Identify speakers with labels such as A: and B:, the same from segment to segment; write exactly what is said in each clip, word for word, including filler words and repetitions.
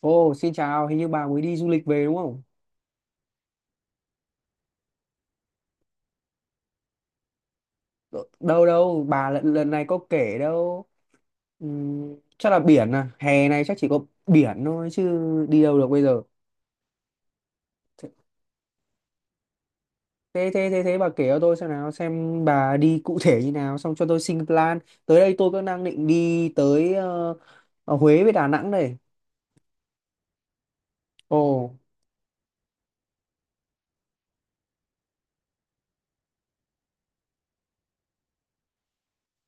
A: Ồ, xin chào, hình như bà mới đi du lịch về đúng không? Đâu đâu, bà lần, lần này có kể đâu. Ừm, chắc là biển à, hè này chắc chỉ có biển thôi chứ đi đâu được bây giờ. Thế thế thế thế, bà kể cho tôi xem nào, xem bà đi cụ thể như nào, xong cho tôi xin plan. Tới đây tôi cũng đang định đi tới ờ, ở Huế với Đà Nẵng đây. Ồ,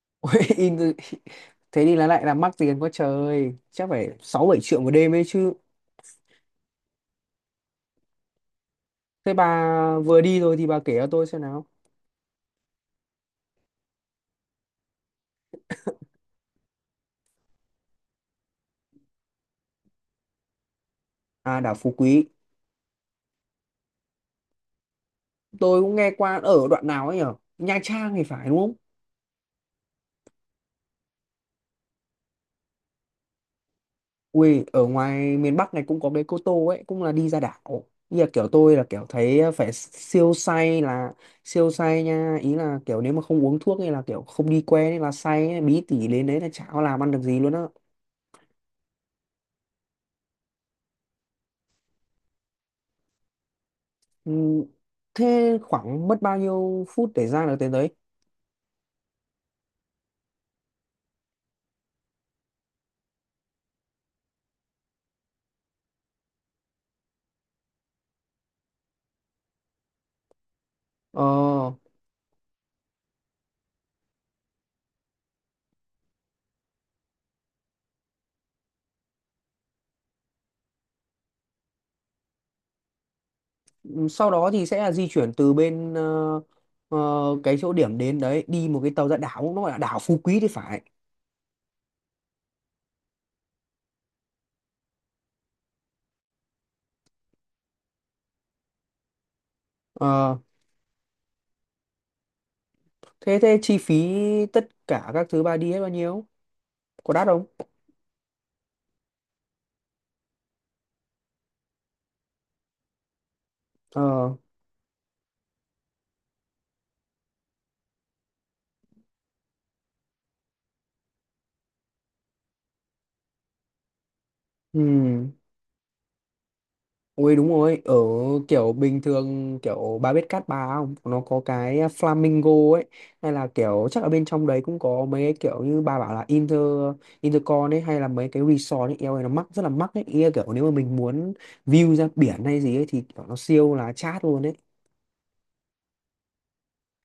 A: Huế in- thế đi là lại là mắc tiền quá trời, chắc phải sáu bảy triệu một đêm ấy chứ. Thế bà vừa đi rồi thì bà kể cho tôi xem nào. À, đảo Phú Quý. Tôi cũng nghe qua ở đoạn nào ấy nhở, Nha Trang thì phải, đúng không? Ui, ở ngoài miền Bắc này cũng có cái Cô Tô ấy, cũng là đi ra đảo. Ý là kiểu tôi là kiểu thấy phải siêu say, là siêu say nha, ý là kiểu nếu mà không uống thuốc hay là kiểu không đi quen ấy là say ấy, bí tỉ đến đấy là chả có làm ăn được gì luôn á. Ừ. Thế khoảng mất bao nhiêu phút để ra được tới đấy? Ờ. Ừ, sau đó thì sẽ là di chuyển từ bên ờ, ờ, cái chỗ điểm đến đấy đi một cái tàu ra đảo, nó gọi là đảo Phú Quý thì phải. Ờ. Thế thế chi phí tất cả các thứ bà đi hết bao nhiêu? Có đắt không? Ờ. Ừ. Ôi đúng rồi, ở kiểu bình thường, kiểu bà biết Cát Bà không? Nó có cái flamingo ấy, hay là kiểu chắc ở bên trong đấy cũng có mấy cái kiểu như bà bảo là Inter Intercon ấy, hay là mấy cái resort ấy, eo ơi nó mắc, rất là mắc ấy. Ý là kiểu nếu mà mình muốn view ra biển hay gì ấy thì kiểu nó siêu là chát luôn ấy.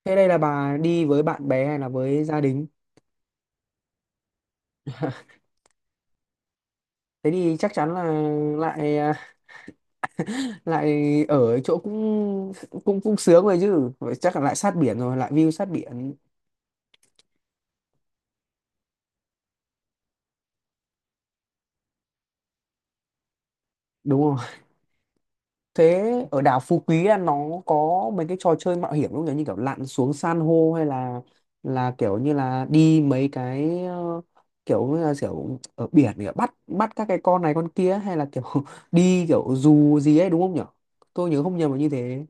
A: Thế đây là bà đi với bạn bè hay là với gia đình? Thế thì chắc chắn là lại à, lại ở chỗ cũng cũng cũng sướng rồi chứ. Vậy chắc là lại sát biển rồi, lại view sát biển đúng không? Thế ở đảo Phú Quý à, nó có mấy cái trò chơi mạo hiểm không nhỉ, như kiểu lặn xuống san hô, hay là là kiểu như là đi mấy cái ờ, kiểu như là kiểu ở biển để bắt bắt các cái con này con kia, hay là kiểu đi kiểu dù gì ấy đúng không nhỉ? Tôi nhớ không nhầm là như thế.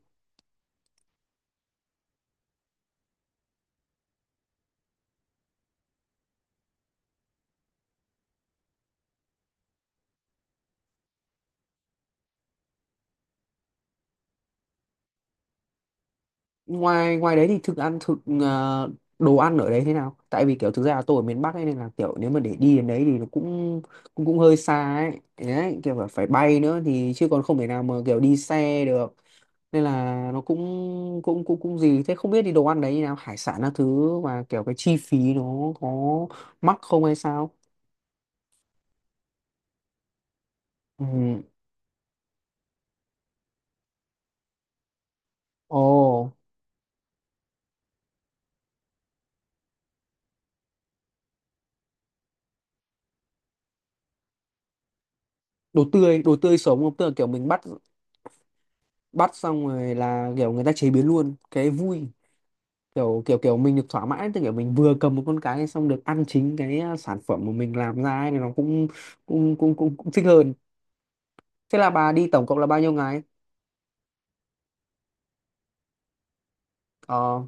A: Ngoài ngoài đấy thì thực ăn thực ờ, đồ ăn ở đấy thế nào? Tại vì kiểu thực ra là tôi ở miền Bắc ấy, nên là kiểu nếu mà để đi đến đấy thì nó cũng cũng cũng hơi xa ấy đấy, kiểu là phải bay nữa thì chứ còn không thể nào mà kiểu đi xe được. Nên là nó cũng cũng cũng cũng gì thế không biết, thì đồ ăn đấy như nào, hải sản các thứ, và kiểu cái chi phí nó có mắc không hay sao? Ừ. Ồ. Đồ tươi, đồ tươi sống không, tức là kiểu mình bắt bắt xong rồi là kiểu người ta chế biến luôn, cái vui kiểu kiểu kiểu mình được thỏa mãn, tức kiểu mình vừa cầm một con cái xong được ăn chính cái à, sản phẩm mà mình làm ra ấy, thì nó cũng cũng cũng cũng cũng thích hơn. Thế là bà đi tổng cộng là bao nhiêu ngày? Ờ.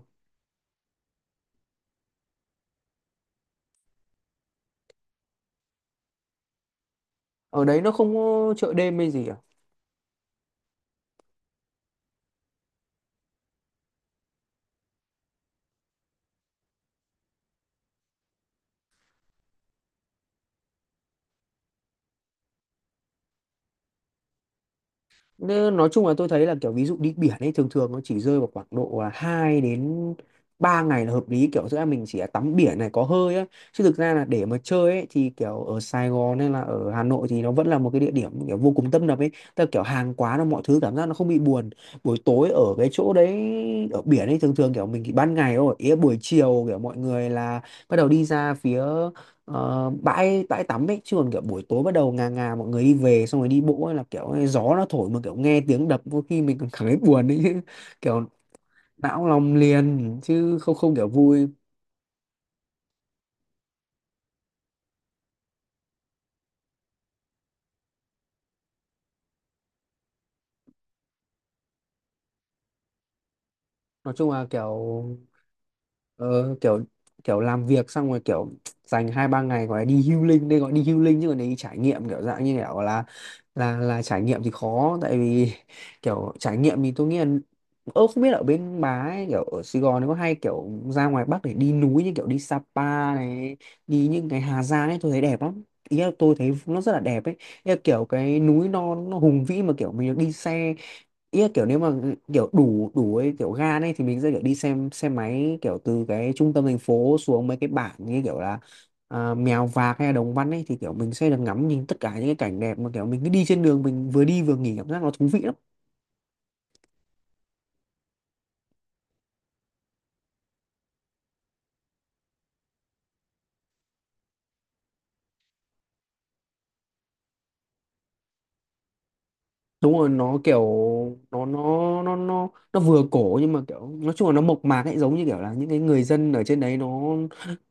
A: Ở đấy nó không có chợ đêm hay gì à? Nên nói chung là tôi thấy là kiểu ví dụ đi biển ấy thường thường nó chỉ rơi vào khoảng độ là hai đến ba ngày là hợp lý, kiểu giữa mình chỉ là tắm biển này, có hơi á, chứ thực ra là để mà chơi ấy thì kiểu ở Sài Gòn hay là ở Hà Nội thì nó vẫn là một cái địa điểm kiểu vô cùng tấp nập ấy, tức là kiểu hàng quán là mọi thứ, cảm giác nó không bị buồn buổi tối ở cái chỗ đấy. Ở biển ấy thường thường kiểu mình chỉ ban ngày thôi, ý là buổi chiều kiểu mọi người là bắt đầu đi ra phía ờ, bãi bãi tắm ấy, chứ còn kiểu buổi tối bắt đầu ngà ngà mọi người đi về xong rồi đi bộ ấy là kiểu ấy, gió nó thổi mà kiểu nghe tiếng đập có khi mình còn cảm thấy buồn ấy chứ, kiểu não lòng liền chứ không, không kiểu vui. Nói chung là kiểu. Ờ, kiểu kiểu làm việc xong rồi kiểu dành hai ba ngày gọi là đi healing, đây gọi đi healing, chứ còn đi trải nghiệm kiểu dạng như kiểu là là là trải nghiệm thì khó, tại vì kiểu trải nghiệm thì tôi nghĩ là ơ không biết ở bên bà ấy kiểu ở Sài Gòn nó có hay kiểu ra ngoài Bắc để đi núi như kiểu đi Sapa này, đi những cái Hà Giang ấy, tôi thấy đẹp lắm. Ý là tôi thấy nó rất là đẹp ấy, ý là kiểu cái núi non nó hùng vĩ mà kiểu mình được đi xe. Ý là kiểu nếu mà kiểu đủ đủ ấy kiểu gan ấy thì mình sẽ kiểu đi xem xe máy kiểu từ cái trung tâm thành phố xuống mấy cái bản như kiểu là à, Mèo Vạc hay là Đồng Văn ấy, thì kiểu mình sẽ được ngắm nhìn tất cả những cái cảnh đẹp mà kiểu mình cứ đi trên đường mình vừa đi vừa nghỉ, cảm giác nó thú vị lắm. Đúng rồi, nó kiểu nó nó nó nó nó vừa cổ nhưng mà kiểu nói chung là nó mộc mạc ấy, giống như kiểu là những cái người dân ở trên đấy nó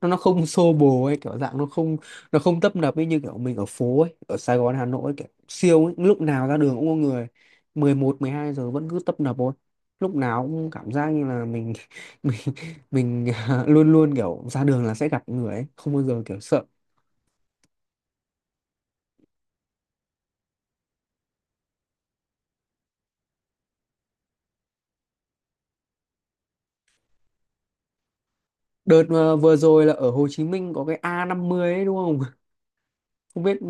A: nó nó không xô bồ ấy kiểu dạng nó không, nó không tấp nập ấy, như kiểu mình ở phố ấy ở Sài Gòn Hà Nội ấy, kiểu siêu ấy, lúc nào ra đường cũng có người, mười một mười hai giờ vẫn cứ tấp nập thôi, lúc nào cũng cảm giác như là mình mình mình luôn luôn kiểu ra đường là sẽ gặp người ấy, không bao giờ kiểu sợ. Đợt mà vừa rồi là ở Hồ Chí Minh có cái a năm mươi ấy đúng không? Không biết. Ừ,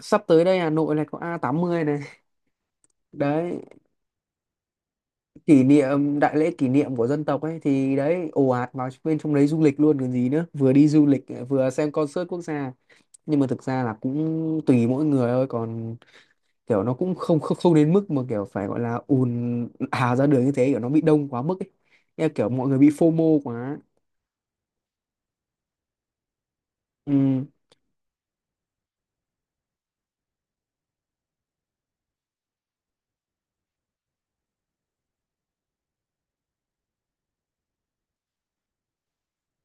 A: sắp tới đây Hà Nội này có a tám mươi này đấy, kỷ niệm đại lễ, kỷ niệm của dân tộc ấy, thì đấy ồ ạt vào bên trong đấy du lịch luôn còn gì nữa, vừa đi du lịch vừa xem concert quốc gia. Nhưng mà thực ra là cũng tùy mỗi người thôi, còn kiểu nó cũng không không không đến mức mà kiểu phải gọi là ùn hà ra đường như thế, kiểu nó bị đông quá mức ấy. Thế kiểu mọi người bị phô mô quá. Ừ.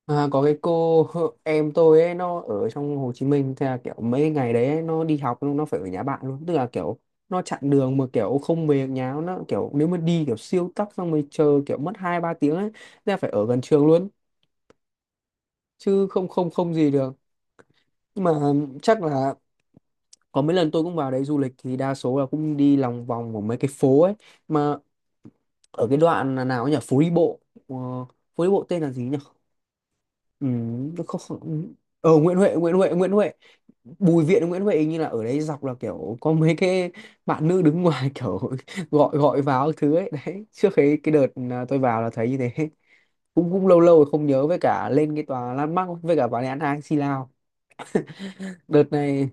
A: À, có cái cô em tôi ấy nó ở trong Hồ Chí Minh, thế là kiểu mấy ngày đấy ấy, nó đi học nó phải ở nhà bạn luôn, tức là kiểu nó chặn đường mà kiểu không về nhà, nó kiểu nếu mà đi kiểu siêu tắc xong rồi chờ kiểu mất hai ba tiếng ấy, thế là phải ở gần trường luôn chứ không không không gì được. Nhưng mà chắc là có mấy lần tôi cũng vào đấy du lịch thì đa số là cũng đi lòng vòng của mấy cái phố ấy, mà ở cái đoạn là nào ấy nhỉ, phố đi bộ. Ờ, phố đi bộ tên là gì nhỉ? Ừ, nó không không- ờ, Nguyễn Huệ Nguyễn Huệ Nguyễn Huệ Bùi Viện, Nguyễn Huệ hình như là ở đấy dọc là kiểu có mấy cái bạn nữ đứng ngoài kiểu gọi gọi vào các thứ ấy đấy, trước cái cái đợt à, tôi vào là thấy như thế, cũng cũng lâu lâu rồi không nhớ, với cả lên cái tòa Landmark, với cả vào nhà ăn hai Silao đợt này.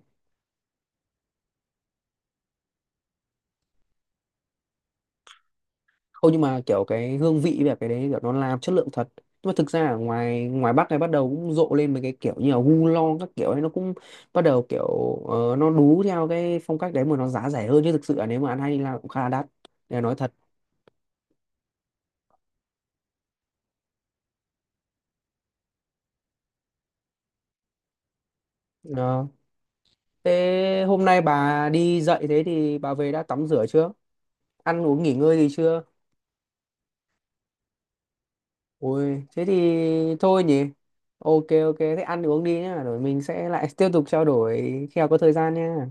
A: Không nhưng mà kiểu cái hương vị với cái đấy kiểu nó làm chất lượng thật. Nhưng mà thực ra ở ngoài ngoài Bắc này bắt đầu cũng rộ lên mấy cái kiểu như là gu lo các kiểu ấy, nó cũng bắt đầu kiểu ờ, nó đú theo cái phong cách đấy mà nó giá rẻ hơn, chứ thực sự là nếu mà ăn hay là cũng khá là đắt để nói thật. Ờ. Thế hôm nay bà đi dậy thế thì bà về đã tắm rửa chưa? Ăn uống nghỉ ngơi gì chưa? Ôi thế thì thôi nhỉ. Ok ok, thế ăn uống đi nhá rồi mình sẽ lại tiếp tục trao đổi khi nào có thời gian nha.